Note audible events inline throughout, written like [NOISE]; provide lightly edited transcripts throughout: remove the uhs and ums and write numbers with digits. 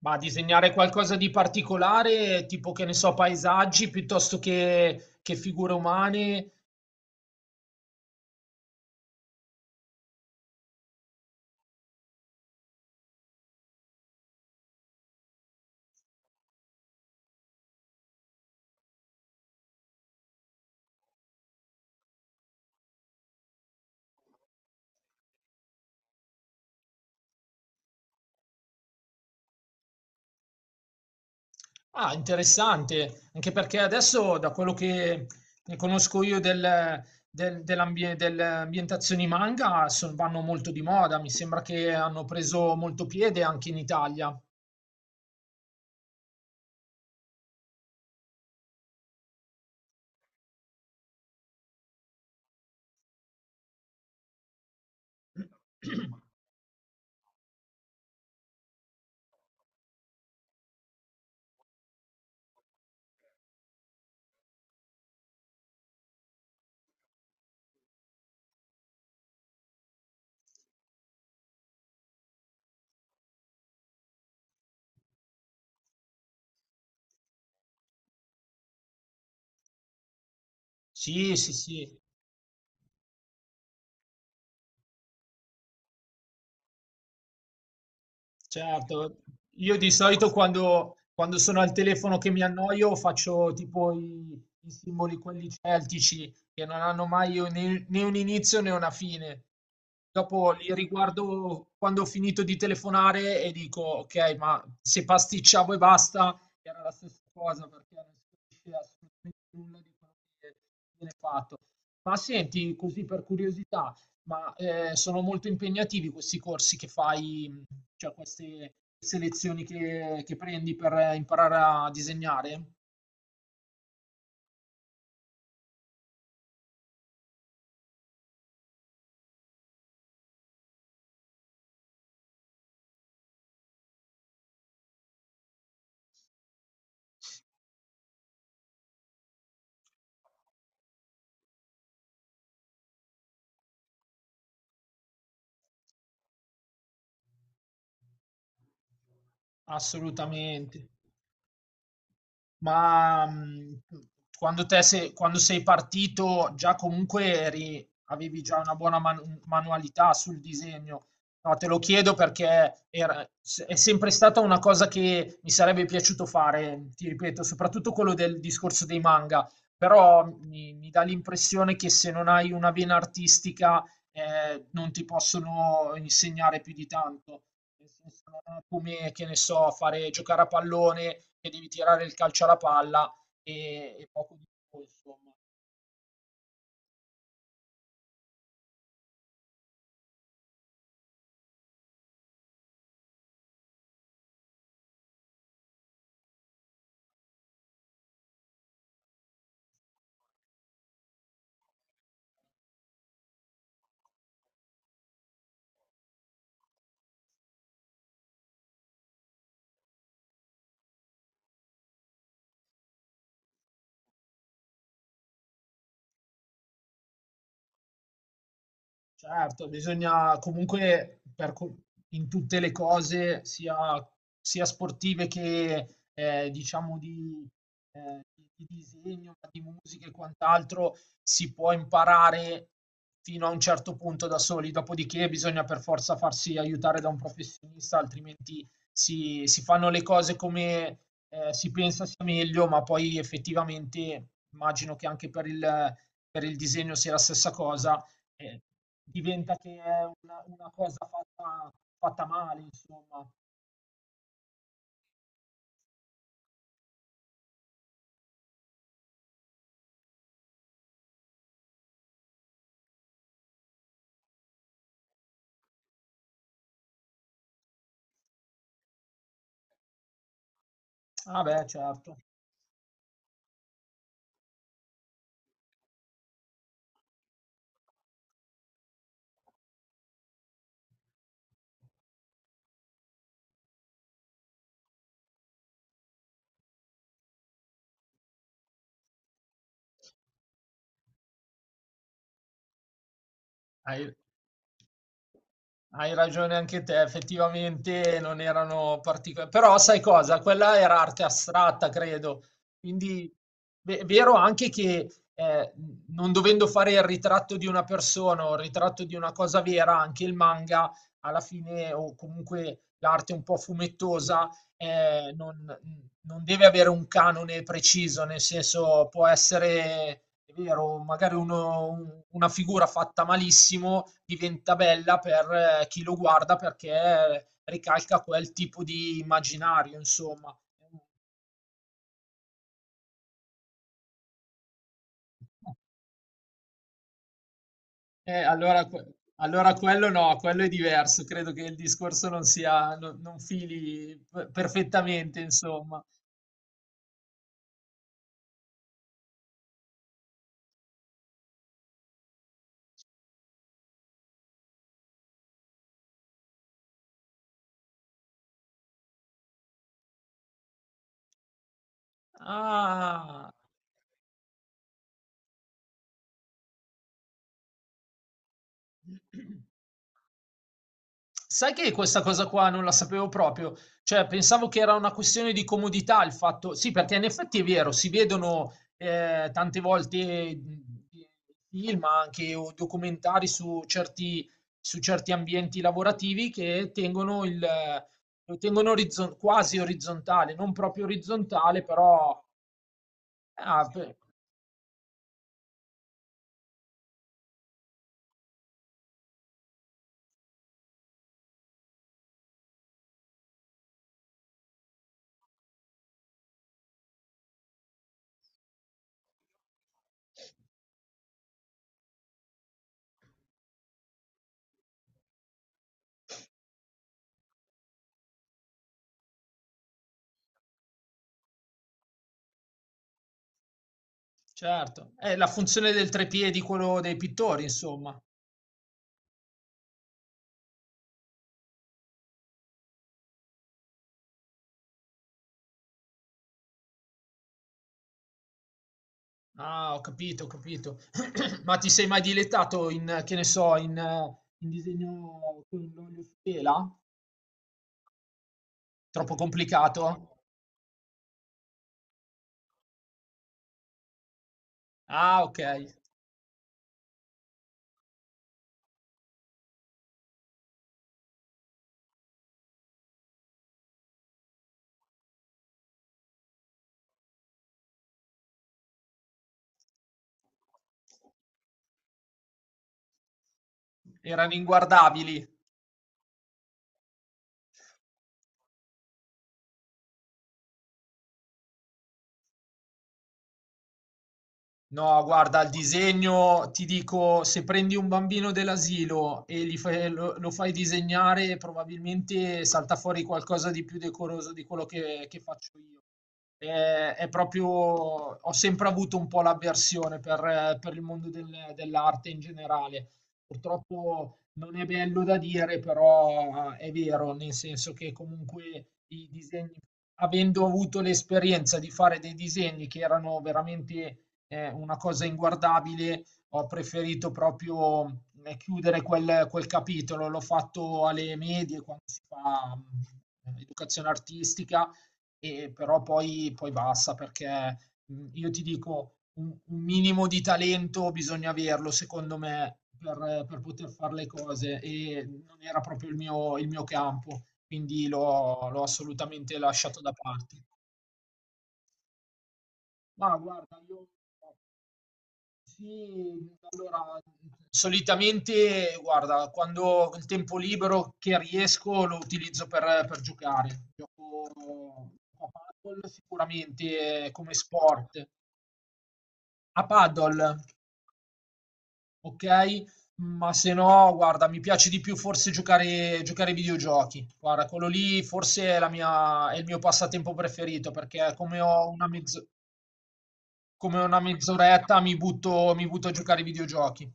Ma disegnare qualcosa di particolare, tipo che ne so, paesaggi piuttosto che figure umane. Ah, interessante. Anche perché adesso, da quello che ne conosco io delle ambientazioni manga, vanno molto di moda. Mi sembra che hanno preso molto piede anche in Italia. [CLEARS THROAT] Sì, sì, sì. Certo, io di solito quando sono al telefono che mi annoio faccio tipo i simboli quelli celtici che non hanno mai né un inizio né una fine. Dopo li riguardo quando ho finito di telefonare e dico ok, ma se pasticciavo e basta era la stessa cosa perché non si capisce assolutamente nulla di quello che viene fatto. Ma senti, così per curiosità, sono molto impegnativi questi corsi che fai, cioè queste selezioni che prendi per imparare a disegnare? Assolutamente. Ma mh, Quando, te se- quando sei partito già comunque avevi già una buona manualità sul disegno. No, te lo chiedo perché è sempre stata una cosa che mi sarebbe piaciuto fare, ti ripeto, soprattutto quello del discorso dei manga, però mi dà l'impressione che se non hai una vena artistica non ti possono insegnare più di tanto. Nel senso, non è come, che ne so, fare giocare a pallone che devi tirare il calcio alla palla e poco di più, insomma. Certo, bisogna comunque in tutte le cose, sia sportive che diciamo di disegno, ma di musica e quant'altro, si può imparare fino a un certo punto da soli, dopodiché bisogna per forza farsi aiutare da un professionista, altrimenti si fanno le cose come si pensa sia meglio, ma poi effettivamente immagino che anche per il disegno sia la stessa cosa, eh, diventa che è una cosa fatta male, insomma. Ah, beh, certo. Hai Hai ragione anche te, effettivamente non erano particolari, però sai cosa? Quella era arte astratta, credo. Quindi è vero anche che, non dovendo fare il ritratto di una persona o il ritratto di una cosa vera, anche il manga alla fine, o comunque l'arte un po' fumettosa, non non deve avere un canone preciso, nel senso può essere, è vero, magari uno un una figura fatta malissimo diventa bella per chi lo guarda perché ricalca quel tipo di immaginario, insomma. Eh, allora que allora quello no, quello è diverso. Credo che il discorso non sia no non fili p perfettamente, insomma. Ah. [CLEARS THROAT] Sai che questa cosa qua non la sapevo proprio, cioè pensavo che era una questione di comodità, il fatto sì, perché in effetti è vero, si vedono, tante volte, film anche o documentari su certi, su certi ambienti lavorativi che tengono il lo tengono orizzon, quasi orizzontale, non proprio orizzontale, però ah, beh, certo. È la funzione del 3 piedi, quello dei pittori, insomma. Ah, ho capito, ho capito. Ma ti sei mai dilettato in, che ne so, in disegno con l'olio su tela? Troppo complicato? Ah, ok. Erano inguardabili. No, guarda, il disegno, ti dico, se prendi un bambino dell'asilo e gli lo fai disegnare, probabilmente salta fuori qualcosa di più decoroso di quello che faccio io. Proprio, ho sempre avuto un po' l'avversione per il mondo dell'arte in generale. Purtroppo non è bello da dire, però è vero, nel senso che comunque i disegni, avendo avuto l'esperienza di fare dei disegni che erano veramente è una cosa inguardabile, ho preferito proprio chiudere quel capitolo. L'ho fatto alle medie quando si fa educazione artistica, e però poi basta perché io ti dico un minimo di talento bisogna averlo, secondo me, per poter fare le cose e non era proprio il mio campo, quindi l'ho assolutamente lasciato da parte. Ma guarda, io. Sì, allora, solitamente, guarda, quando ho il tempo libero che riesco lo utilizzo per giocare. Gioco a paddle sicuramente, come sport. A paddle, ok? Ma se no, guarda, mi piace di più forse giocare ai videogiochi. Guarda, quello lì forse è è il mio passatempo preferito perché come ho una mezz'oretta mi butto a giocare ai videogiochi.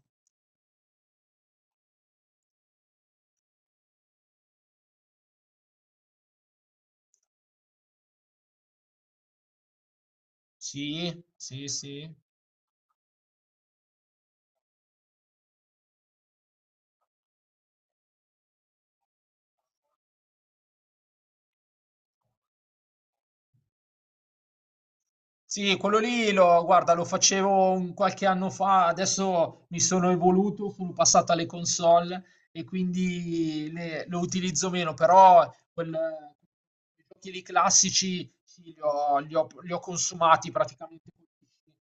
Sì, sì, sì. Sì, quello lì guarda, lo facevo un qualche anno fa, adesso mi sono evoluto, sono passato alle console e quindi lo utilizzo meno, però i giochi lì classici sì, li ho consumati praticamente tutti,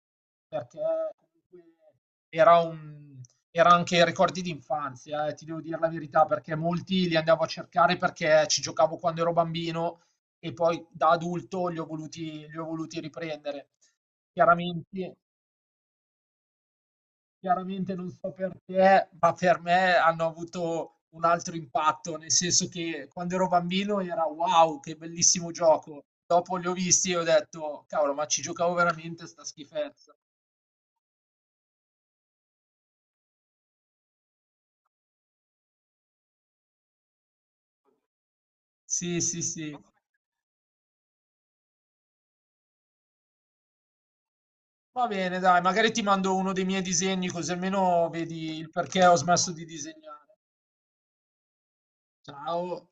perché comunque era un, era anche ricordi di infanzia, ti devo dire la verità, perché molti li andavo a cercare perché ci giocavo quando ero bambino e poi da adulto li ho voluti riprendere. Chiaramente chiaramente non so perché, ma per me hanno avuto un altro impatto, nel senso che quando ero bambino era: "Wow, che bellissimo gioco". Dopo li ho visti e ho detto: "Cavolo, ma ci giocavo veramente a 'sta schifezza". Sì, sì, sì. Va bene, dai, magari ti mando uno dei miei disegni, così almeno vedi il perché ho smesso di disegnare. Ciao.